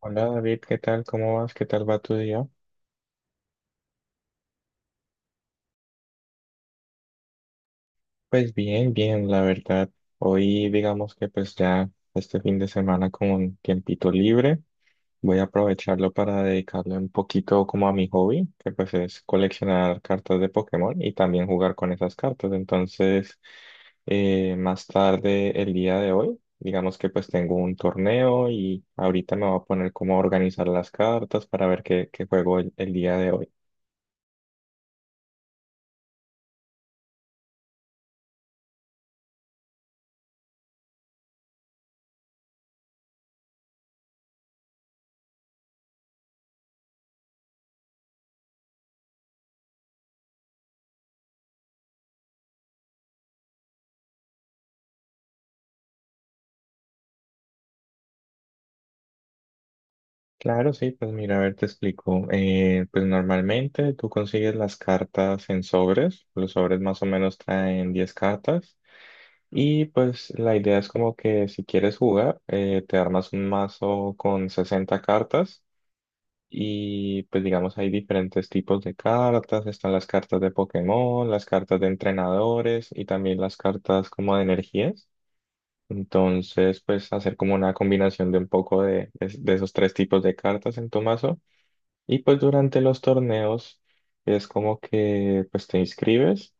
Hola David, ¿qué tal? ¿Cómo vas? ¿Qué tal va tu día? Pues bien, bien, la verdad. Hoy digamos que pues ya este fin de semana con un tiempito libre, voy a aprovecharlo para dedicarle un poquito como a mi hobby, que pues es coleccionar cartas de Pokémon y también jugar con esas cartas. Entonces, más tarde el día de hoy, digamos que pues tengo un torneo y ahorita me voy a poner como a organizar las cartas para ver qué juego el día de hoy. Claro, sí, pues mira, a ver, te explico. Pues normalmente tú consigues las cartas en sobres, los sobres más o menos traen 10 cartas y pues la idea es como que si quieres jugar, te armas un mazo con 60 cartas y pues digamos hay diferentes tipos de cartas, están las cartas de Pokémon, las cartas de entrenadores y también las cartas como de energías. Entonces, pues hacer como una combinación de un poco de esos tres tipos de cartas en tu mazo. Y pues durante los torneos es como que pues te inscribes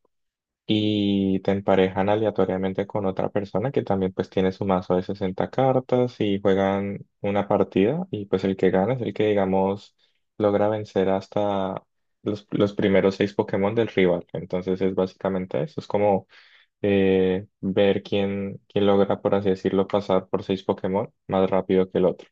y te emparejan aleatoriamente con otra persona que también pues tiene su mazo de 60 cartas y juegan una partida y pues el que gana es el que digamos logra vencer hasta los primeros seis Pokémon del rival. Entonces es básicamente eso, es como ver quién logra por así decirlo pasar por seis Pokémon más rápido que el otro.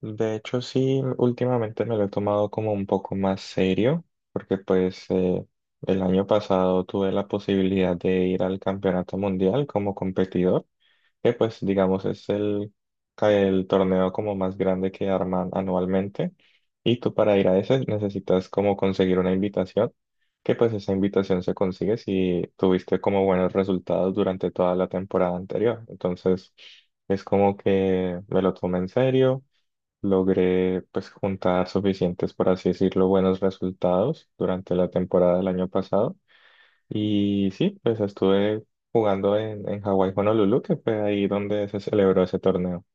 De hecho, sí, últimamente me lo he tomado como un poco más serio, porque pues el año pasado tuve la posibilidad de ir al Campeonato Mundial como competidor, que pues digamos es el torneo como más grande que arman anualmente. Y tú para ir a ese necesitas como conseguir una invitación, que pues esa invitación se consigue si tuviste como buenos resultados durante toda la temporada anterior. Entonces es como que me lo tomé en serio, logré pues juntar suficientes, por así decirlo, buenos resultados durante la temporada del año pasado. Y sí, pues estuve jugando en Hawái Honolulu, que fue ahí donde se celebró ese torneo.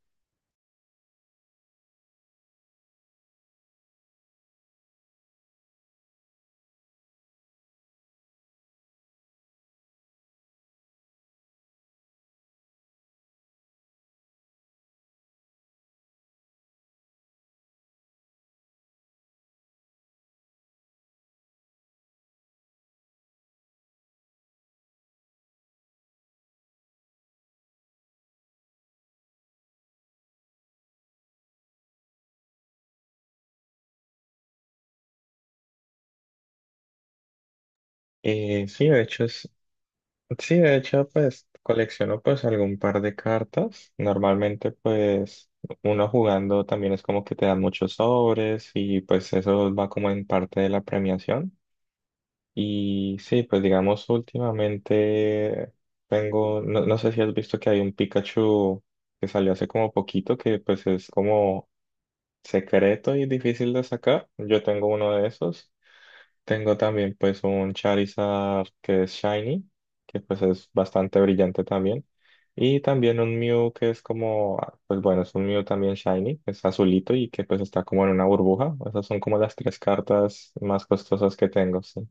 Sí, de hecho es, sí, de hecho pues colecciono pues algún par de cartas. Normalmente pues uno jugando también es como que te dan muchos sobres y pues eso va como en parte de la premiación. Y sí, pues digamos, últimamente tengo, no, no sé si has visto que hay un Pikachu que salió hace como poquito, que pues es como secreto y difícil de sacar. Yo tengo uno de esos. Tengo también pues un Charizard que es Shiny, que pues es bastante brillante también. Y también un Mew que es como, ah, pues bueno, es un Mew también Shiny, es azulito y que pues está como en una burbuja. Esas son como las tres cartas más costosas que tengo, sí.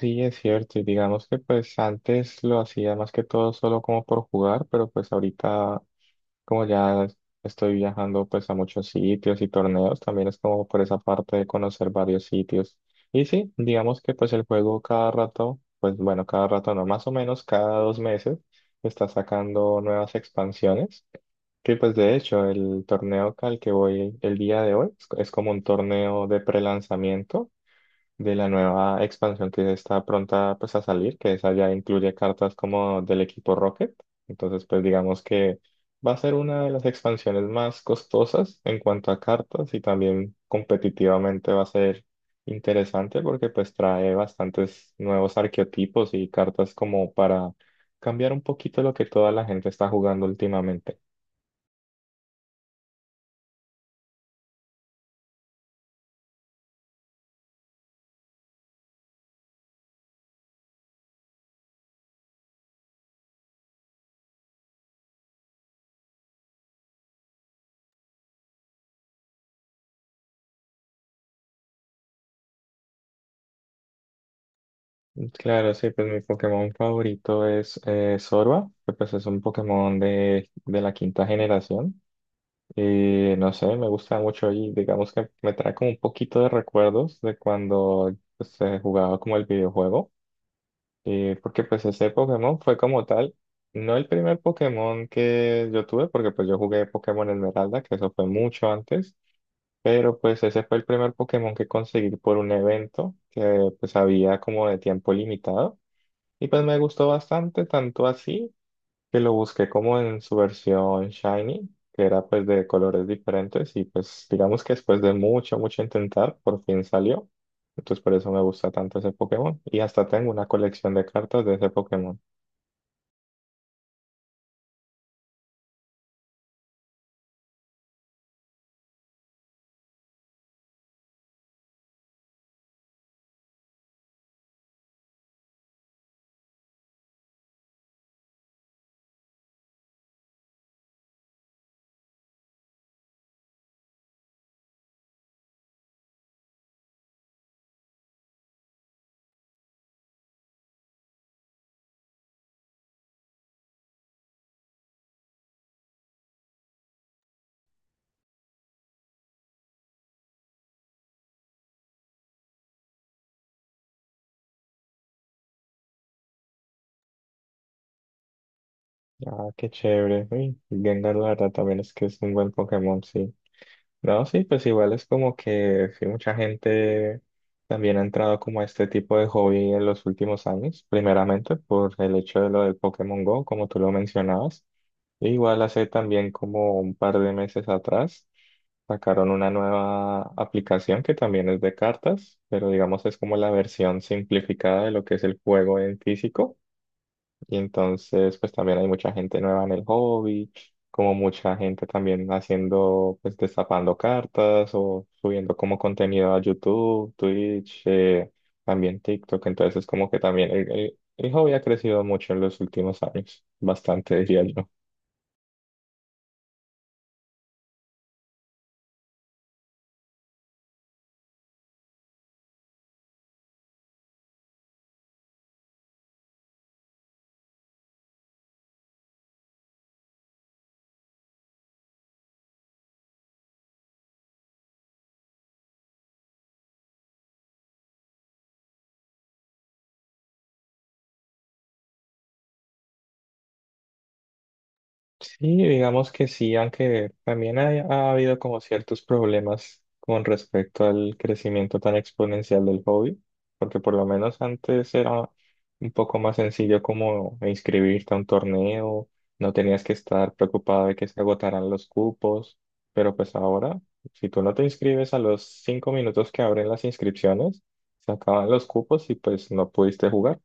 Sí, es cierto, y digamos que pues antes lo hacía más que todo solo como por jugar, pero pues ahorita como ya estoy viajando pues a muchos sitios y torneos, también es como por esa parte de conocer varios sitios. Y sí, digamos que pues el juego cada rato, pues bueno, cada rato no, más o menos cada 2 meses está sacando nuevas expansiones, que pues de hecho el torneo al que voy el día de hoy es como un torneo de prelanzamiento de la nueva expansión que está pronta pues a salir, que esa ya incluye cartas como del equipo Rocket. Entonces, pues digamos que va a ser una de las expansiones más costosas en cuanto a cartas y también competitivamente va a ser interesante porque pues trae bastantes nuevos arqueotipos y cartas como para cambiar un poquito lo que toda la gente está jugando últimamente. Claro, sí, pues mi Pokémon favorito es Zorba, que pues es un Pokémon de la quinta generación. Y no sé, me gusta mucho y digamos que me trae como un poquito de recuerdos de cuando pues, se jugaba como el videojuego. Y porque pues ese Pokémon fue como tal, no el primer Pokémon que yo tuve, porque pues yo jugué Pokémon Esmeralda, que eso fue mucho antes, pero pues ese fue el primer Pokémon que conseguí por un evento que pues había como de tiempo limitado. Y pues me gustó bastante, tanto así que lo busqué como en su versión shiny, que era pues de colores diferentes y pues digamos que después de mucho, mucho intentar, por fin salió. Entonces por eso me gusta tanto ese Pokémon. Y hasta tengo una colección de cartas de ese Pokémon. Ah, qué chévere. Uy, Gengar, la verdad, también es que es un buen Pokémon, sí. No, sí, pues igual es como que sí, mucha gente también ha entrado como a este tipo de hobby en los últimos años, primeramente por el hecho de lo del Pokémon Go, como tú lo mencionabas. E igual hace también como un par de meses atrás sacaron una nueva aplicación que también es de cartas, pero digamos es como la versión simplificada de lo que es el juego en físico. Y entonces, pues también hay mucha gente nueva en el hobby, como mucha gente también haciendo, pues destapando cartas o subiendo como contenido a YouTube, Twitch, también TikTok. Entonces, como que también el hobby ha crecido mucho en los últimos años, bastante diría yo. Sí, digamos que sí, aunque también ha habido como ciertos problemas con respecto al crecimiento tan exponencial del hobby, porque por lo menos antes era un poco más sencillo como inscribirte a un torneo, no tenías que estar preocupado de que se agotaran los cupos, pero pues ahora, si tú no te inscribes a los 5 minutos que abren las inscripciones, se acaban los cupos y pues no pudiste jugar.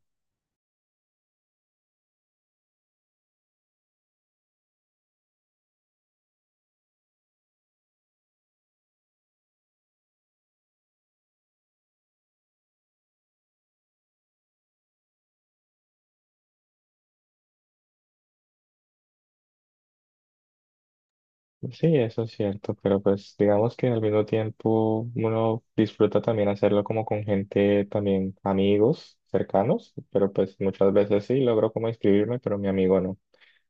Sí, eso es cierto, pero pues digamos que al mismo tiempo uno disfruta también hacerlo como con gente también amigos cercanos, pero pues muchas veces sí logro como inscribirme, pero mi amigo no.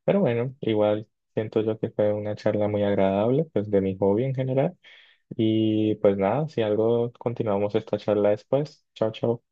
Pero bueno, igual siento yo que fue una charla muy agradable, pues de mi hobby en general. Y pues nada, si algo continuamos esta charla después. Chao, chao.